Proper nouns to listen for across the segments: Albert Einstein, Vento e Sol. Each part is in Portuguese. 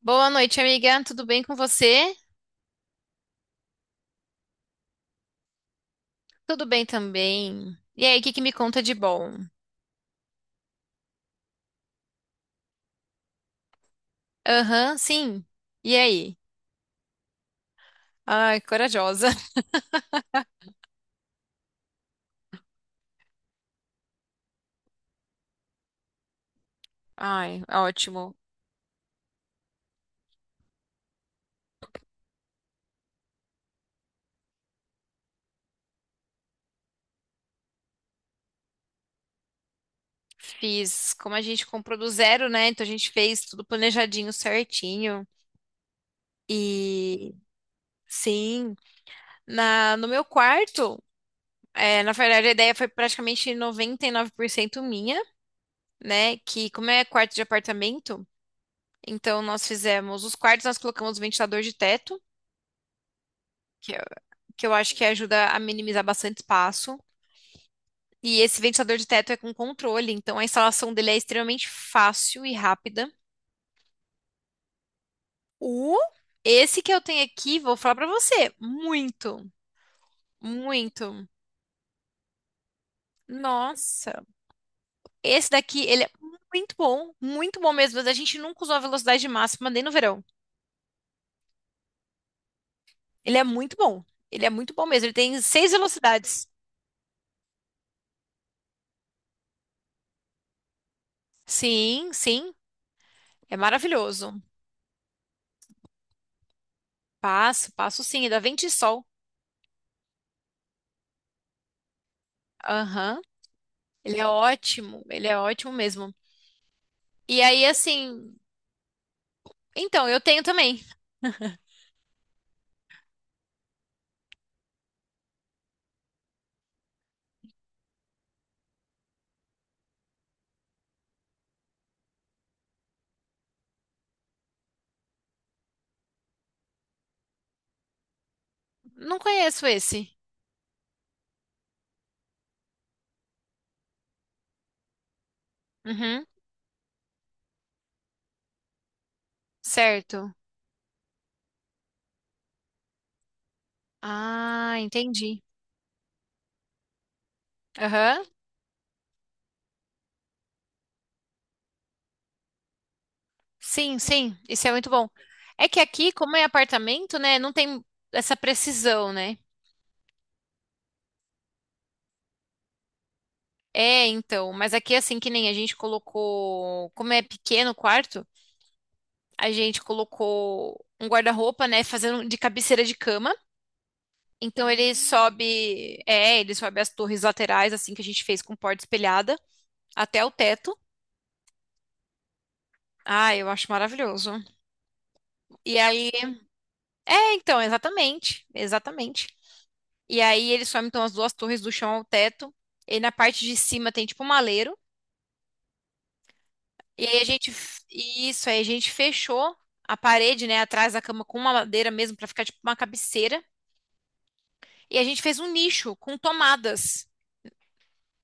Boa noite, amiga. Tudo bem com você? Tudo bem também. E aí, o que que me conta de bom? Aham, sim. E aí? Ai, corajosa. Ai, ótimo. Fiz, como a gente comprou do zero, né? Então a gente fez tudo planejadinho, certinho. E sim, na no meu quarto, é, na verdade a ideia foi praticamente 99% minha, né? Que como é quarto de apartamento, então nós fizemos os quartos, nós colocamos ventilador de teto. que é que eu acho que ajuda a minimizar bastante espaço. E esse ventilador de teto é com controle, então a instalação dele é extremamente fácil e rápida. O esse que eu tenho aqui, vou falar pra você, muito, muito. Nossa, esse daqui, ele é muito bom mesmo, mas a gente nunca usou a velocidade máxima nem no verão. Ele é muito bom. Ele é muito bom mesmo. Ele tem seis velocidades. Sim, sim. É maravilhoso. Passo, passo sim. É da Vento e Sol. Aham. Ele é ótimo mesmo. E aí, assim, então, eu tenho também. Não conheço esse. Uhum, certo. Ah, entendi. Aham. Sim, sim, isso é muito bom. É que aqui, como é apartamento, né, não tem essa precisão, né? É, então, mas aqui, assim, que nem a gente colocou, como é pequeno o quarto, a gente colocou um guarda-roupa, né, fazendo de cabeceira de cama. Então ele sobe as torres laterais, assim que a gente fez com porta espelhada, até o teto. Ah, eu acho maravilhoso. E aí, então, exatamente, exatamente. E aí ele sobe então as duas torres do chão ao teto. E na parte de cima tem tipo um maleiro. E aí a gente, f- isso, aí a gente fechou a parede, né, atrás da cama com uma madeira mesmo pra ficar tipo uma cabeceira. E a gente fez um nicho com tomadas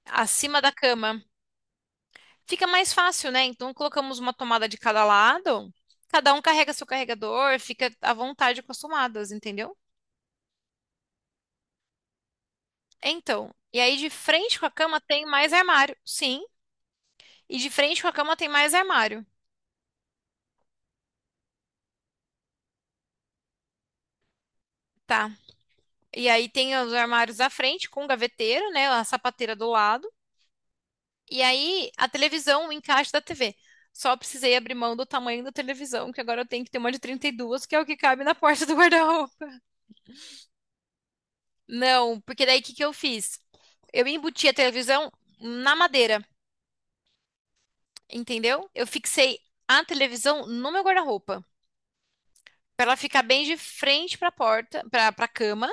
acima da cama. Fica mais fácil, né? Então colocamos uma tomada de cada lado, cada um carrega seu carregador, fica à vontade com as tomadas, entendeu? Então, e aí de frente com a cama tem mais armário, sim. E de frente com a cama tem mais armário, tá? E aí tem os armários à frente com gaveteiro, né? A sapateira do lado. E aí a televisão, o encaixe da TV. Só precisei abrir mão do tamanho da televisão, que agora eu tenho que ter uma de 32, que é o que cabe na porta do guarda-roupa. Não, porque daí o que que eu fiz? Eu embuti a televisão na madeira, entendeu? Eu fixei a televisão no meu guarda-roupa, para ela ficar bem de frente para a porta, para cama.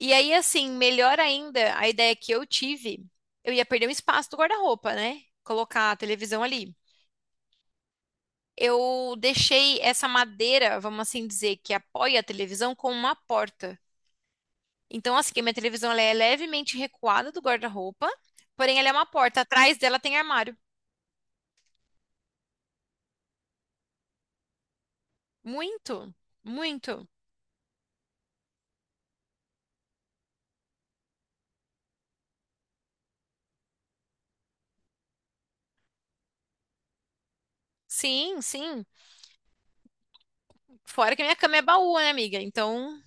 E aí assim, melhor ainda, a ideia que eu tive, eu ia perder um espaço do guarda-roupa, né? Colocar a televisão ali. Eu deixei essa madeira, vamos assim dizer, que apoia a televisão com uma porta. Então, assim, a minha televisão ela é levemente recuada do guarda-roupa, porém ela é uma porta. Atrás dela tem armário. Muito, muito. Sim, sim. Fora que minha cama é baú, né, amiga? Então,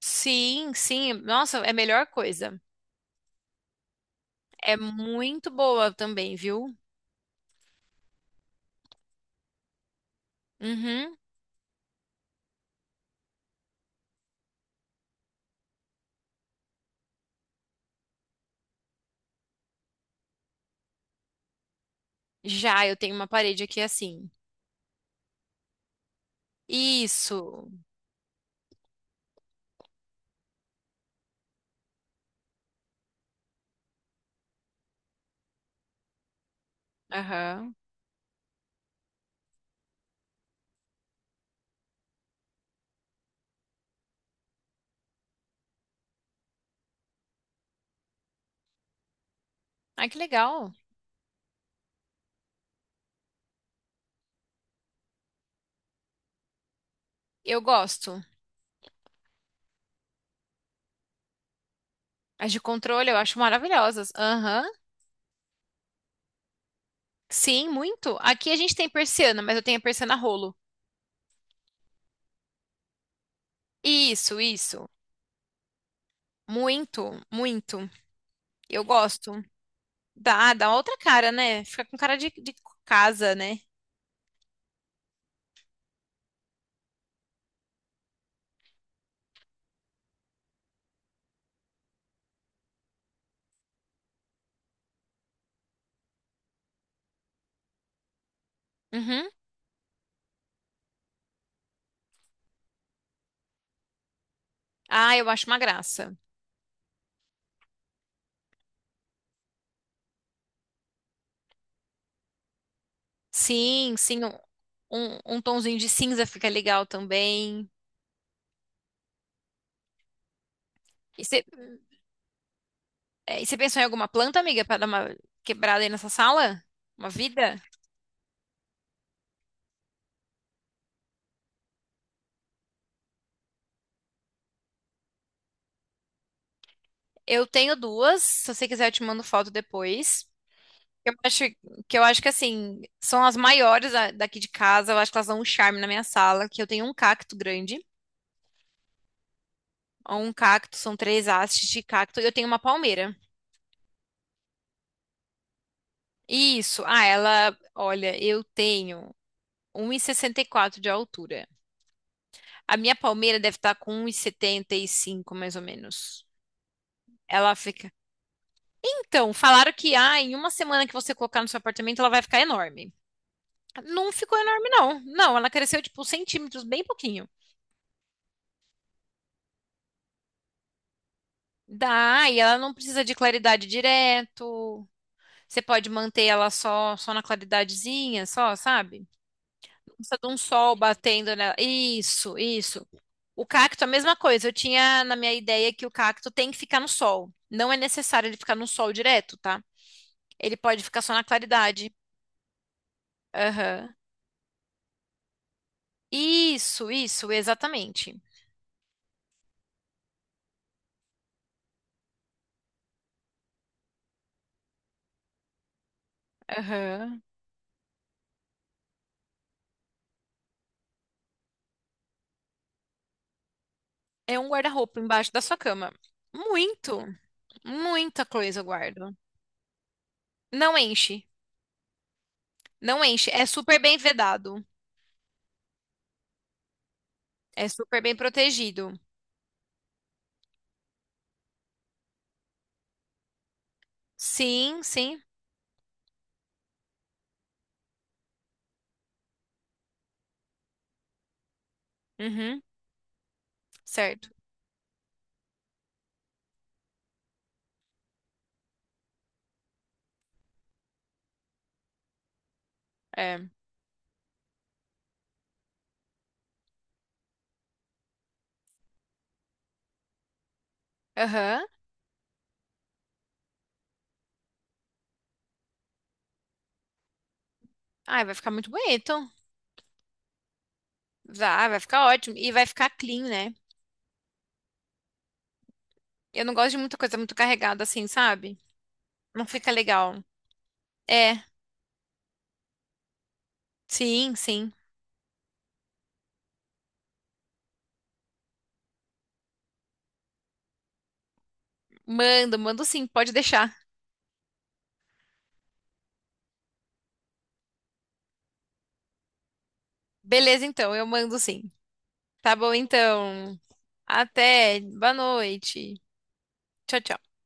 sim, sim. Nossa, é a melhor coisa. É muito boa também, viu? Uhum. Já eu tenho uma parede aqui assim. Isso. Aham. Ai, que legal. Eu gosto. As de controle eu acho maravilhosas. Aham. Sim, muito. Aqui a gente tem persiana, mas eu tenho a persiana rolo. Isso, isso. Muito, muito. Eu gosto. Dá, dá outra cara, né? Fica com cara de casa, né? Uhum. Ah, eu acho uma graça. Sim, sim, um, um tonzinho de cinza fica legal também. E você e você pensou em alguma planta, amiga, para dar uma quebrada aí nessa sala? Uma vida? Eu tenho duas, se você quiser eu te mando foto depois. Eu acho eu acho que assim, são as maiores daqui de casa, eu acho que elas dão um charme na minha sala, que eu tenho um cacto grande, um cacto, são três hastes de cacto, e eu tenho uma palmeira. Isso. Ah, ela, olha, eu tenho 1,64 de altura. A minha palmeira deve estar com 1,75 mais ou menos. Ela fica. Então, falaram que em uma semana que você colocar no seu apartamento, ela vai ficar enorme. Não ficou enorme, não. Não, ela cresceu tipo centímetros, bem pouquinho. Dá, e ela não precisa de claridade direto. Você pode manter ela só, só na claridadezinha, só, sabe? Precisa de um sol batendo nela. Isso, isso. O cacto, a mesma coisa. Eu tinha na minha ideia que o cacto tem que ficar no sol. Não é necessário ele ficar no sol direto, tá? Ele pode ficar só na claridade. Aham. Isso, exatamente. Aham. É um guarda-roupa embaixo da sua cama. Muito, muita coisa eu guardo. Não enche, não enche. É super bem vedado. É super bem protegido. Sim, sim. Uhum, certo. É. Aham. Ai, vai ficar muito bonito. Vai ficar ótimo. E vai ficar clean, né? Eu não gosto de muita coisa muito carregada assim, sabe? Não fica legal. É, sim, sim. Mando, mando sim, pode deixar. Beleza, então, eu mando sim. Tá bom, então. Até. Boa noite. Tchau, tchau.